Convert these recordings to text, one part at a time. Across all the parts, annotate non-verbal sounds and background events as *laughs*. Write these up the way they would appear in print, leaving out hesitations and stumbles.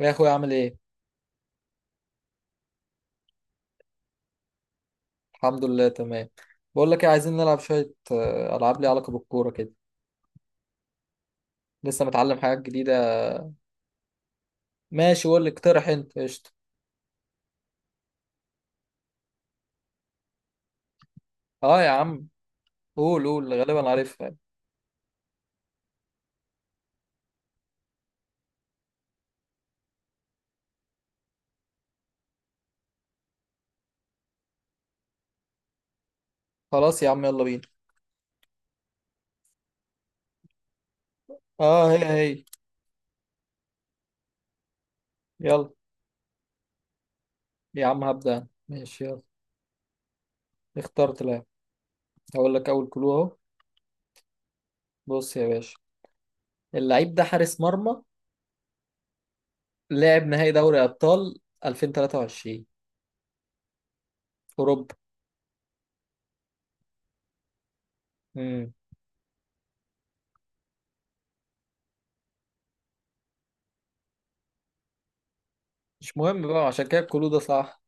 يا اخويا عامل ايه؟ الحمد لله تمام. بقول لك ايه، عايزين نلعب شويه، العاب ليها علاقه بالكوره كده. لسه متعلم حاجات جديده. ماشي قول لي، اقترح انت، قشطه. اه يا عم. قول قول غالبا عارفها يعني. خلاص يا عم يلا بينا. اه، هي. هي. يلا يا عم هبدا أنا. ماشي يلا. اخترت لاعب. هقول لك اول كلو اهو. بص يا باشا، اللعيب ده حارس مرمى، لاعب نهائي دوري ابطال 2023 اوروبا. امم مش مهم بقى، عشان كده الكلو ده صح.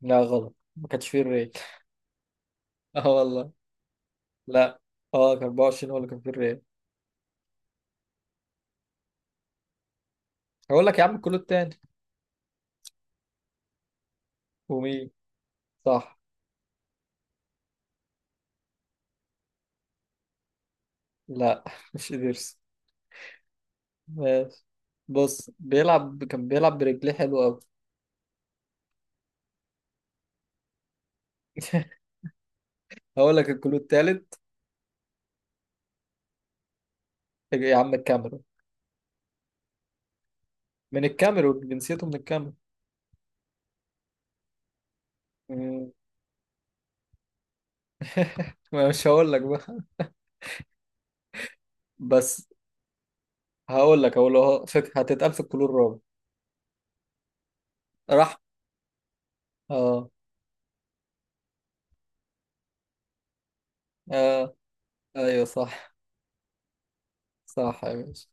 لا غلط، ما كانش فيه الريال. *laughs* اه والله. لا. اه، كان 24 هو اللي كان في الريال. هقول لك يا عم الكلود تاني. ومين؟ صح. لا *laughs* مش إيدرس. ماشي. بص، كان بيلعب برجليه حلو قوي. *laughs* هقول لك الكلود التالت. يا عم الكاميرون، من الكاميرون، جنسيته من الكاميرون. مم، ما مش هقول لك بقى. بس. هقول له هتتقال في الكلور الرابع. راح. اه. اه ايوه صح. صح يا باشا.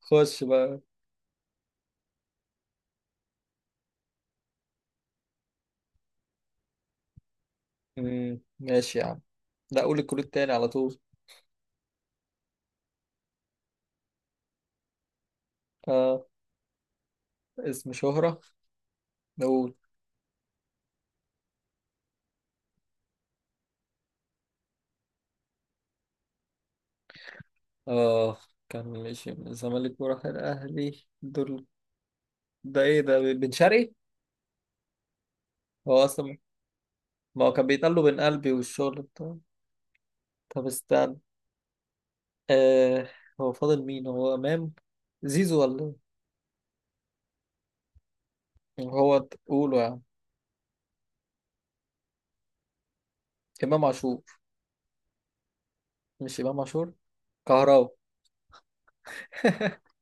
خش بقى. ماشي يا عم. لا قول الكلود التاني على طول. اه. اسم شهرة. نقول. اه. كان ماشي من الزمالك وراح الاهلي دول. ده ايه ده، بن شرقي؟ هو اصلا، ما هو كان بيتقال له بن قلبي والشغل بتاعه. طب استنى. آه هو فاضل مين، هو امام، زيزو، ولا إيه؟ هو تقوله يا عم. امام عاشور. مش امام عاشور. كهراوي. *laughs*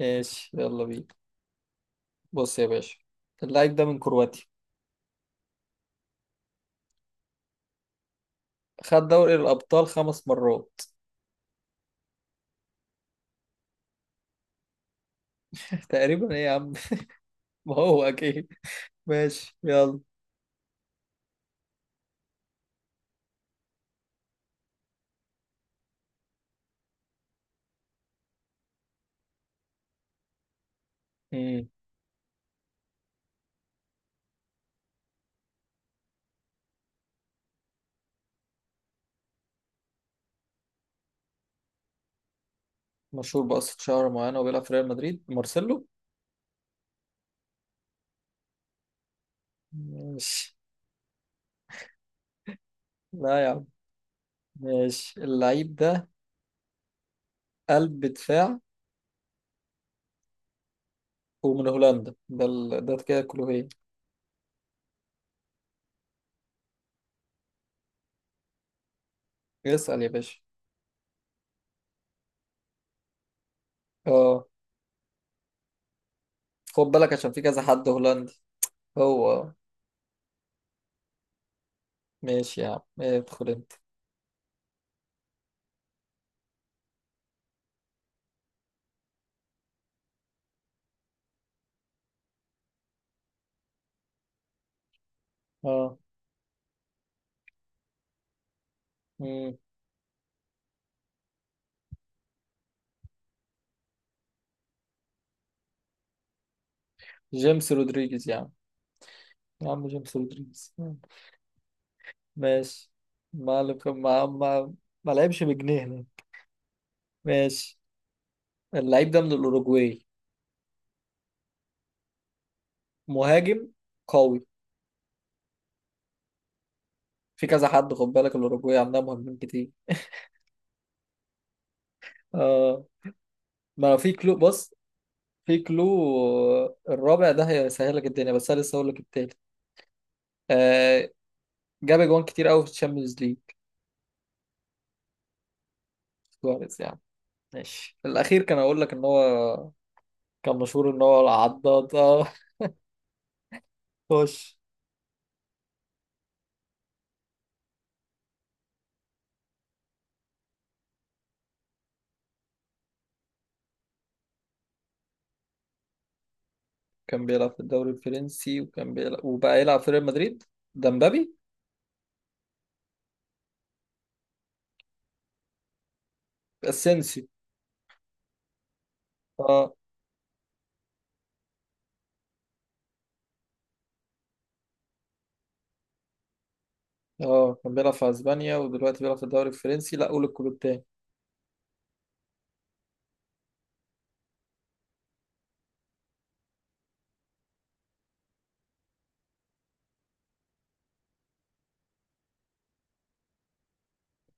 ماشي يلا بينا. بص يا باشا، اللعيب ده من كرواتيا. خد دوري الابطال 5 مرات. تقريبا ايه يا عم؟ *laughs* ما هو اكيد. ماشي يلا. مشهور بقصة شعر معينة وبيلعب في ريال مدريد، مارسيلو. ماشي. لا يا عم. ماشي اللعيب ده قلب دفاع ومن هولندا، ده كده كلوهيه. اسأل يا باشا. اه. خد بالك عشان في كذا حد هولندي. هو. ماشي يا عم، ادخل انت. اه. مم. جيمس رودريجيز يا عم. يا عم جيمس رودريجيز مم. ماشي. ما, ما لعبش بجنيه هنا. ماشي. اللعيب ده من الأوروجواي، مهاجم قوي. في كذا حد خد بالك، الأوروجواي عندها مهاجمين كتير. آه ما في كلو بص. في كلو، الرابع ده هيسهل لك الدنيا، بس أنا لسه هقول لك التالت. آه جاب جوان كتير قوي في الشامبيونز ليج. سواريز يعني. ماشي الأخير، كان أقول لك إن هو كان مشهور إن هو العضاد. خش. كان بيلعب في الدوري الفرنسي، وكان بيلعب وبقى يلعب في ريال مدريد، ده مبابي. اسينسيو. اه. اه كان بيلعب في اسبانيا ودلوقتي بيلعب في الدوري الفرنسي. لا قول الكلوب تاني.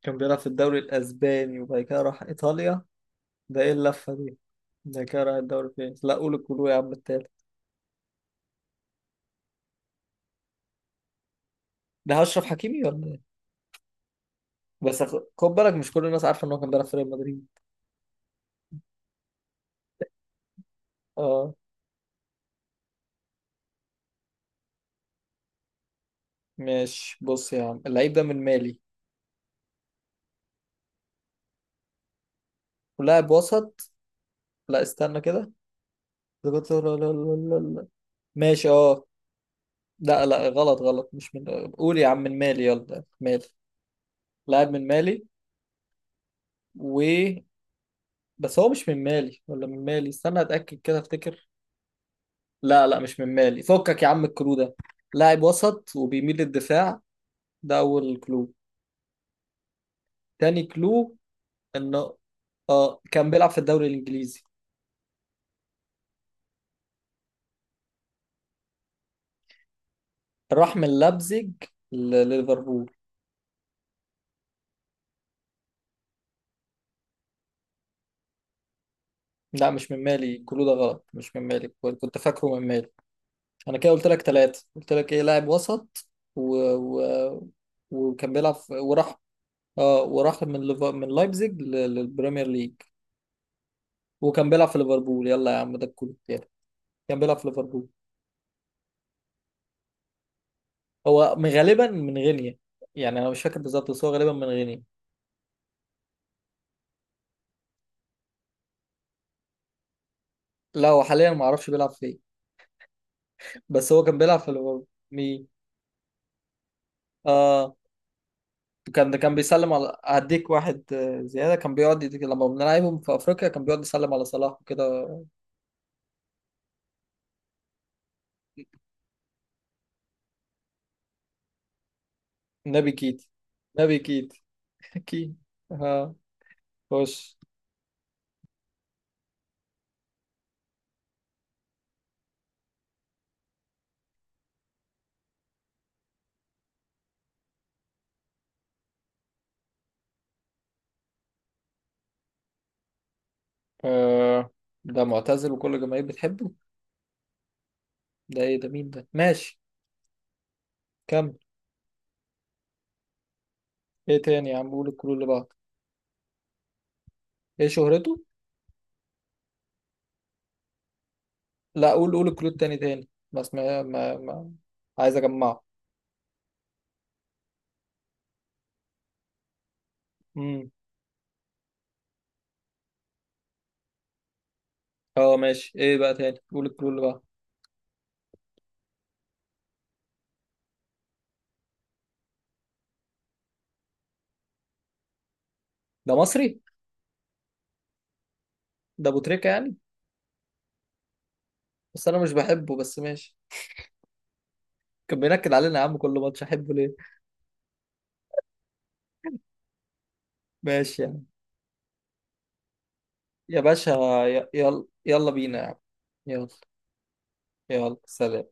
كان بيلعب في الدوري الأسباني وبعد كده راح إيطاليا. ده إيه اللفة دي؟ ده كده راح الدوري فين؟ لا قول الكلو يا عم التالت. ده أشرف حكيمي ولا إيه؟ بس خد بالك مش كل الناس عارفة إن هو كان بيلعب في ريال مدريد. أه. ماشي بص يا عم، اللعيب ده من مالي ولاعب وسط. لا استنى كده. ده لا- لا- لا- لا- لا. ماشي. لا لا غلط غلط، مش من، قول يا عم من مالي يلا مالي. لاعب من مالي. و. بس هو مش من مالي ولا من مالي، استنى أتأكد كده أفتكر. لا لا مش من مالي، فكك يا عم الكلو ده. لاعب وسط وبيميل للدفاع. ده اول كلو. تاني كلو انه، اه، كان بيلعب في الدوري الانجليزي. راح من لابزيج لليفربول. لا مش من مالي، الكلو ده غلط، مش من مالي. كنت فاكره من مالي. انا كده قلت لك ثلاثة، قلت لك ايه، لاعب وسط و... و... وكان بيلعب وراح. اه، وراح من من لايبزيج للبريمير ليج. وكان بيلعب في ليفربول، يلا يا عم ده الكلو بتاعي. كان بيلعب في ليفربول. هو غالبا من غينيا. يعني انا مش فاكر بالظبط، بس هو غالبا من غينيا. لا هو حاليا ما اعرفش بيلعب فين. بس هو كان بيلعب في ليفربول. مين؟ اه. كان بيسلم على هديك واحد، زياده كان بيقعد يديك، لما بنلعبهم في افريقيا كان بيقعد يسلم على صلاح وكده. نبي كيتي. نبي كيتي. *laughs* كيتي. اه. خش. آه. ده معتزل وكل الجماهير بتحبه. ده ايه ده، مين ده؟ ماشي كمل. ايه تاني يا عم، قول الكلو اللي بعده. ايه شهرته؟ لا قول، قول الكلود تاني، تاني بس، ما, عايز اجمعه. امم اه ماشي، ايه بقى تاني، قول الكلود بقى. ده مصري. ده ابو تريكة يعني. بس انا مش بحبه، بس ماشي. كان بينكد علينا يا عم كل ماتش، احبه ليه؟ ماشي يعني. يا باشا، يلا يلا بينا يا عم. يلا. يلا سلام.